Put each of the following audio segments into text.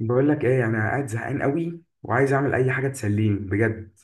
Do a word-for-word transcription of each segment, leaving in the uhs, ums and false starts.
بقول لك ايه، انا قاعد زهقان قوي وعايز اعمل اي حاجه تسليني بجد.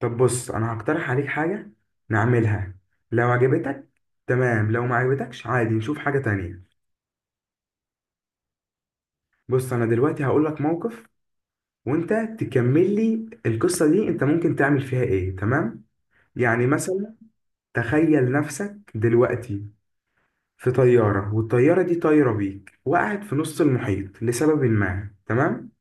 طب بص، انا هقترح عليك حاجه نعملها لو عجبتك تمام. لو ما عجبتكش عادي نشوف حاجه تانية. بص، انا دلوقتي هقول لك موقف وانت تكمل لي القصه دي، انت ممكن تعمل فيها ايه. تمام، يعني مثلا. تخيل نفسك دلوقتي في طياره، والطياره دي طايره بيك وقعت في نص المحيط لسبب ما. تمام.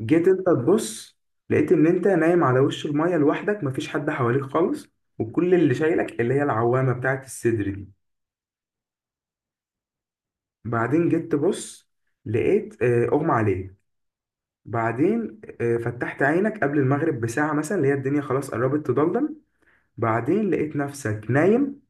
جيت انت تبص، لقيت ان انت نايم على وش المية لوحدك، مفيش حد حواليك خالص، وكل اللي شايلك اللي هي العوامة بتاعت الصدر دي. بعدين جيت تبص، لقيت آه، اغمى عليك. بعدين آه، فتحت عينك قبل المغرب بساعة مثلا، اللي هي الدنيا خلاص قربت تضلم. بعدين لقيت نفسك نايم،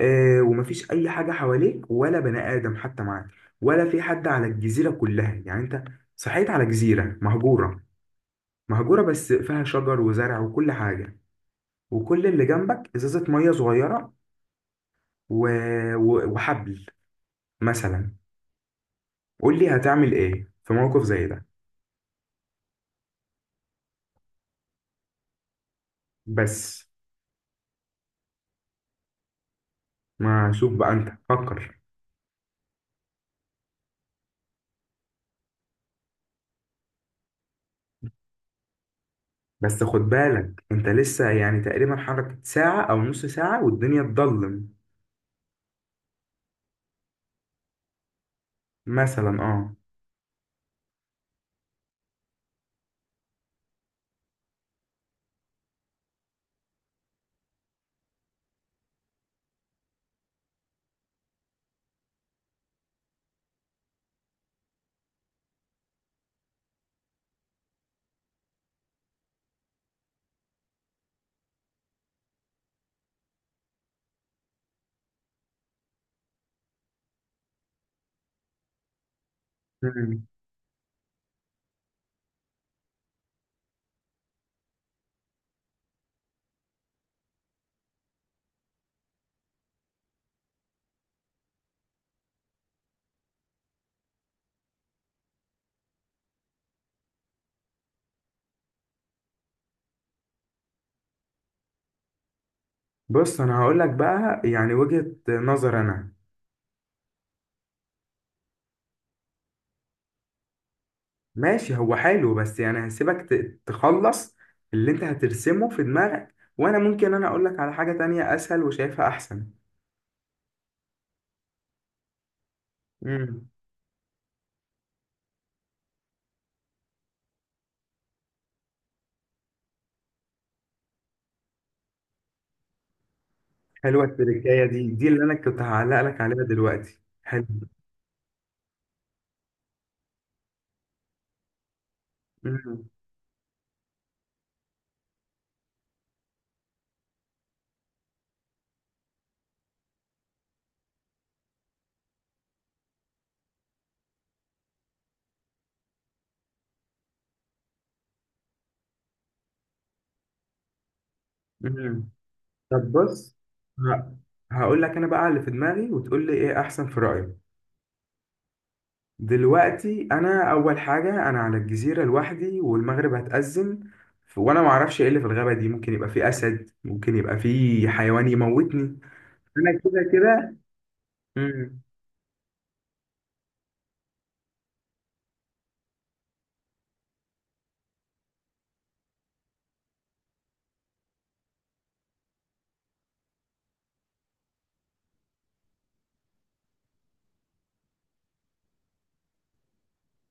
آه، ومفيش أي حاجة حواليك ولا بني آدم حتى معاك. ولا في حد على الجزيرة كلها، يعني أنت صحيت على جزيرة مهجورة. مهجورة بس فيها شجر وزرع وكل حاجة. وكل اللي جنبك ازازه ميه صغيره و... و... وحبل مثلا. قول لي هتعمل ايه في موقف زي ده؟ بس ما شوف بقى، انت فكر. بس خد بالك انت لسه يعني تقريبا حركة ساعة او نص ساعة والدنيا تضلم. مثلا اه. مم. بص، انا هقول لك بقى يعني وجهة نظر انا. ماشي، هو حلو بس يعني هسيبك ت- تخلص اللي انت هترسمه في دماغك، وانا ممكن انا اقول لك على حاجة تانية اسهل وشايفها احسن. مم. حلوة التركاية دي دي اللي أنا كنت هعلق لك عليها دلوقتي، حلو. مم. مم. طب بص، ه- هقول لك أنا بقى اللي في دماغي، وتقول لي إيه أحسن في رأيك. دلوقتي أنا أول حاجة، أنا على الجزيرة لوحدي والمغرب هتأذن. ف- وأنا معرفش إيه اللي في الغابة دي، ممكن يبقى فيه أسد، ممكن يبقى فيه حيوان يموتني. أنا كده كده. مم.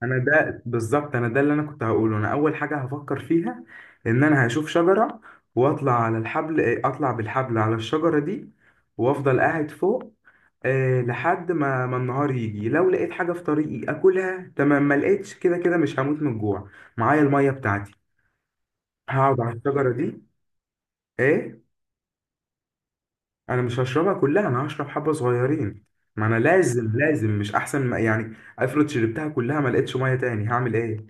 انا ده بالظبط، انا ده اللي انا كنت هقوله. انا اول حاجه هفكر فيها، ان انا هشوف شجره واطلع على الحبل، إيه، اطلع بالحبل على الشجره دي وافضل قاعد فوق آه لحد ما ما النهار يجي. لو لقيت حاجه في طريقي اكلها تمام، ما لقيتش كده كده مش هموت من الجوع. معايا الميه بتاعتي، هقعد على الشجره دي. ايه؟ انا مش هشربها كلها، انا هشرب حبه صغيرين. ما انا لازم لازم مش احسن، ما يعني افرض شربتها كلها ما لقيتش ميه تاني هعمل ايه؟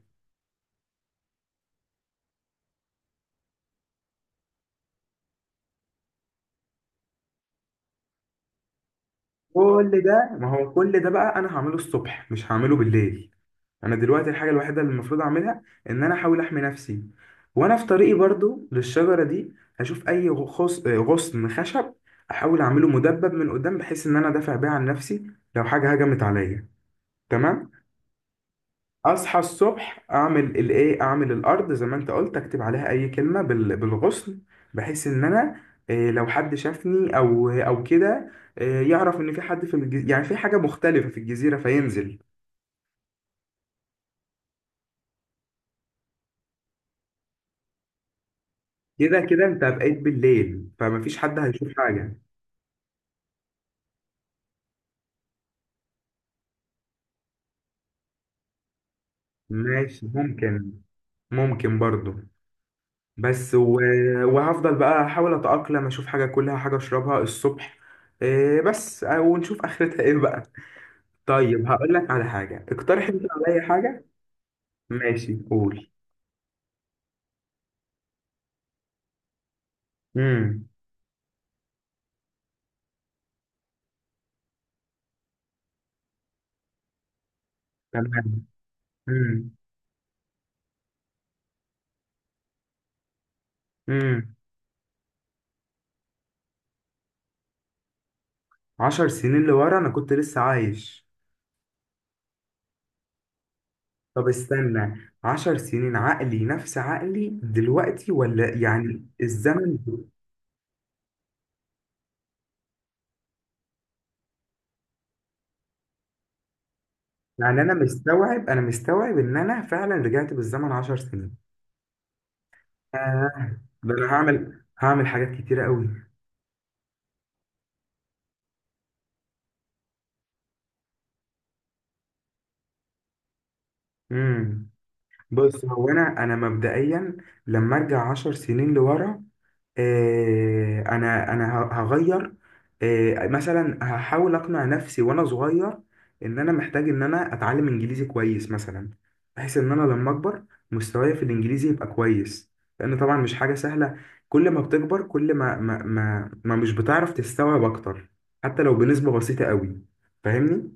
كل ده، ما هو كل ده بقى انا هعمله الصبح مش هعمله بالليل. انا دلوقتي الحاجه الوحيده اللي المفروض اعملها ان انا احاول احمي نفسي. وانا في طريقي برضو للشجره دي هشوف اي غص... غصن خشب، احاول اعمله مدبب من قدام بحيث ان انا دافع بيه عن نفسي لو حاجه هجمت عليا. تمام. اصحى الصبح اعمل الايه اعمل الارض زي ما انت قلت، اكتب عليها اي كلمه بال- بالغصن، بحيث ان انا، إيه لو حد شافني او او كده إيه يعرف ان في حد في الجزيره، يعني في حاجه مختلفه في الجزيره فينزل. كده كده انت بقيت بالليل فمفيش حد هيشوف حاجه. ماشي ممكن. ممكن برضو. بس و... وهفضل بقى احاول اتاقلم، اشوف حاجه كلها حاجه اشربها الصبح. إيه بس آه، ونشوف اخرتها ايه بقى. طيب هقول لك على حاجة، اقترح انت عليا حاجة. ماشي، قول. امم. تمام. امم. امم. عشر سنين لورا انا كنت لسه عايش. طب استنى، عشر سنين عقلي نفس عقلي دلوقتي ولا يعني الزمن؟ يعني انا مستوعب انا مستوعب ان انا فعلا رجعت بالزمن عشر سنين. آه. ده انا هعمل هعمل حاجات كتيرة قوي. امم. بص، هو انا انا مبدئيا لما ارجع عشر سنين لورا، آه، انا انا ه- هغير. آه، مثلا هحاول اقنع نفسي وانا صغير ان انا محتاج ان انا اتعلم انجليزي كويس مثلا، بحيث ان انا لما اكبر مستواي في الانجليزي يبقى كويس. لان طبعا مش حاجة سهلة، كل ما بتكبر كل ما ما ما, ما مش بتعرف تستوعب اكتر حتى لو بنسبة بسيطة قوي، فاهمني.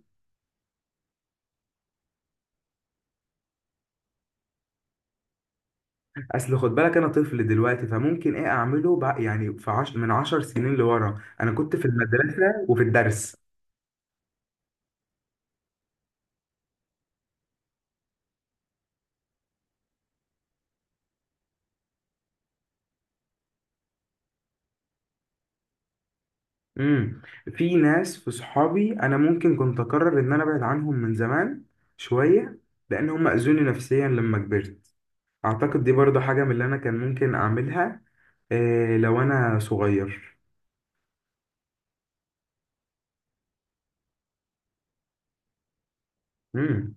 اصل خد بالك انا طفل دلوقتي، فممكن ايه اعمله بقى؟ يعني في عش... من عشر سنين لورا انا كنت في المدرسه وفي الدرس. امم. في ناس، في صحابي، انا ممكن كنت اقرر ان انا ابعد عنهم من زمان شويه، لان هم اذوني نفسيا لما كبرت. اعتقد دي برضو حاجه من اللي انا كان ممكن اعملها إيه لو انا صغير. امم.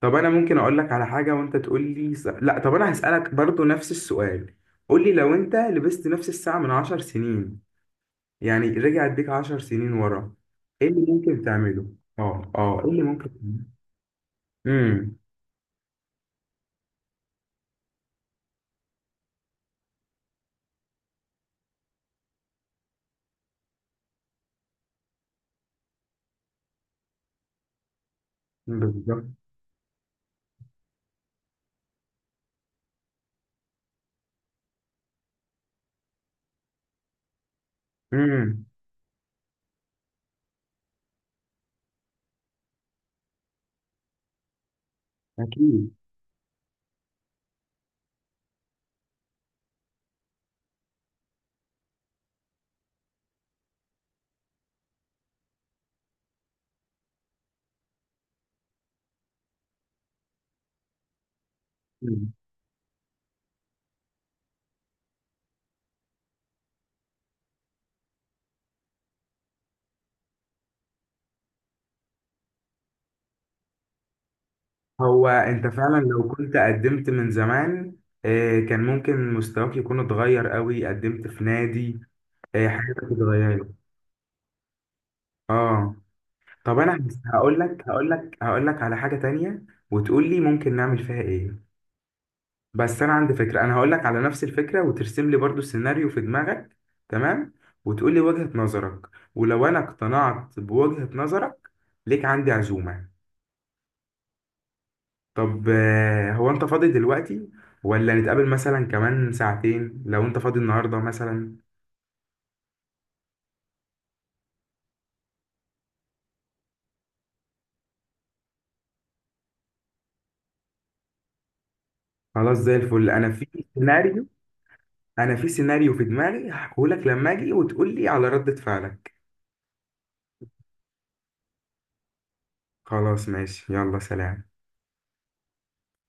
طب انا ممكن اقول لك على حاجه وانت تقول لي س... لا، طب انا هسالك برضو نفس السؤال. قول لي، لو انت لبست نفس الساعه من عشر سنين، يعني رجعت بيك عشر سنين ورا، ايه اللي ممكن تعمله؟ اه، اه، ايه اللي ممكن تعمله؟ امم. بالظبط. امم. اكيد. مم. هو انت فعلا لو كنت قدمت من زمان، آه، كان ممكن مستواك يكون اتغير قوي. قدمت في نادي، آه، حياتك اتغيرت. اه. طب انا هقول لك هقول لك هقول لك على حاجة تانية وتقول لي ممكن نعمل فيها ايه. بس انا عندي فكره، انا هقول لك على نفس الفكره وترسم لي برضو السيناريو في دماغك. تمام، وتقول لي وجهه نظرك، ولو انا اقتنعت بوجهه نظرك ليك عندي عزومه. طب آه، هو انت فاضي دلوقتي، ولا نتقابل مثلا كمان ساعتين لو انت فاضي النهارده مثلا؟ خلاص زي الفل. انا في سيناريو انا في سيناريو في دماغي هحكيهولك لما اجي، وتقول لي على ردة فعلك. خلاص، ماشي، يلا سلام.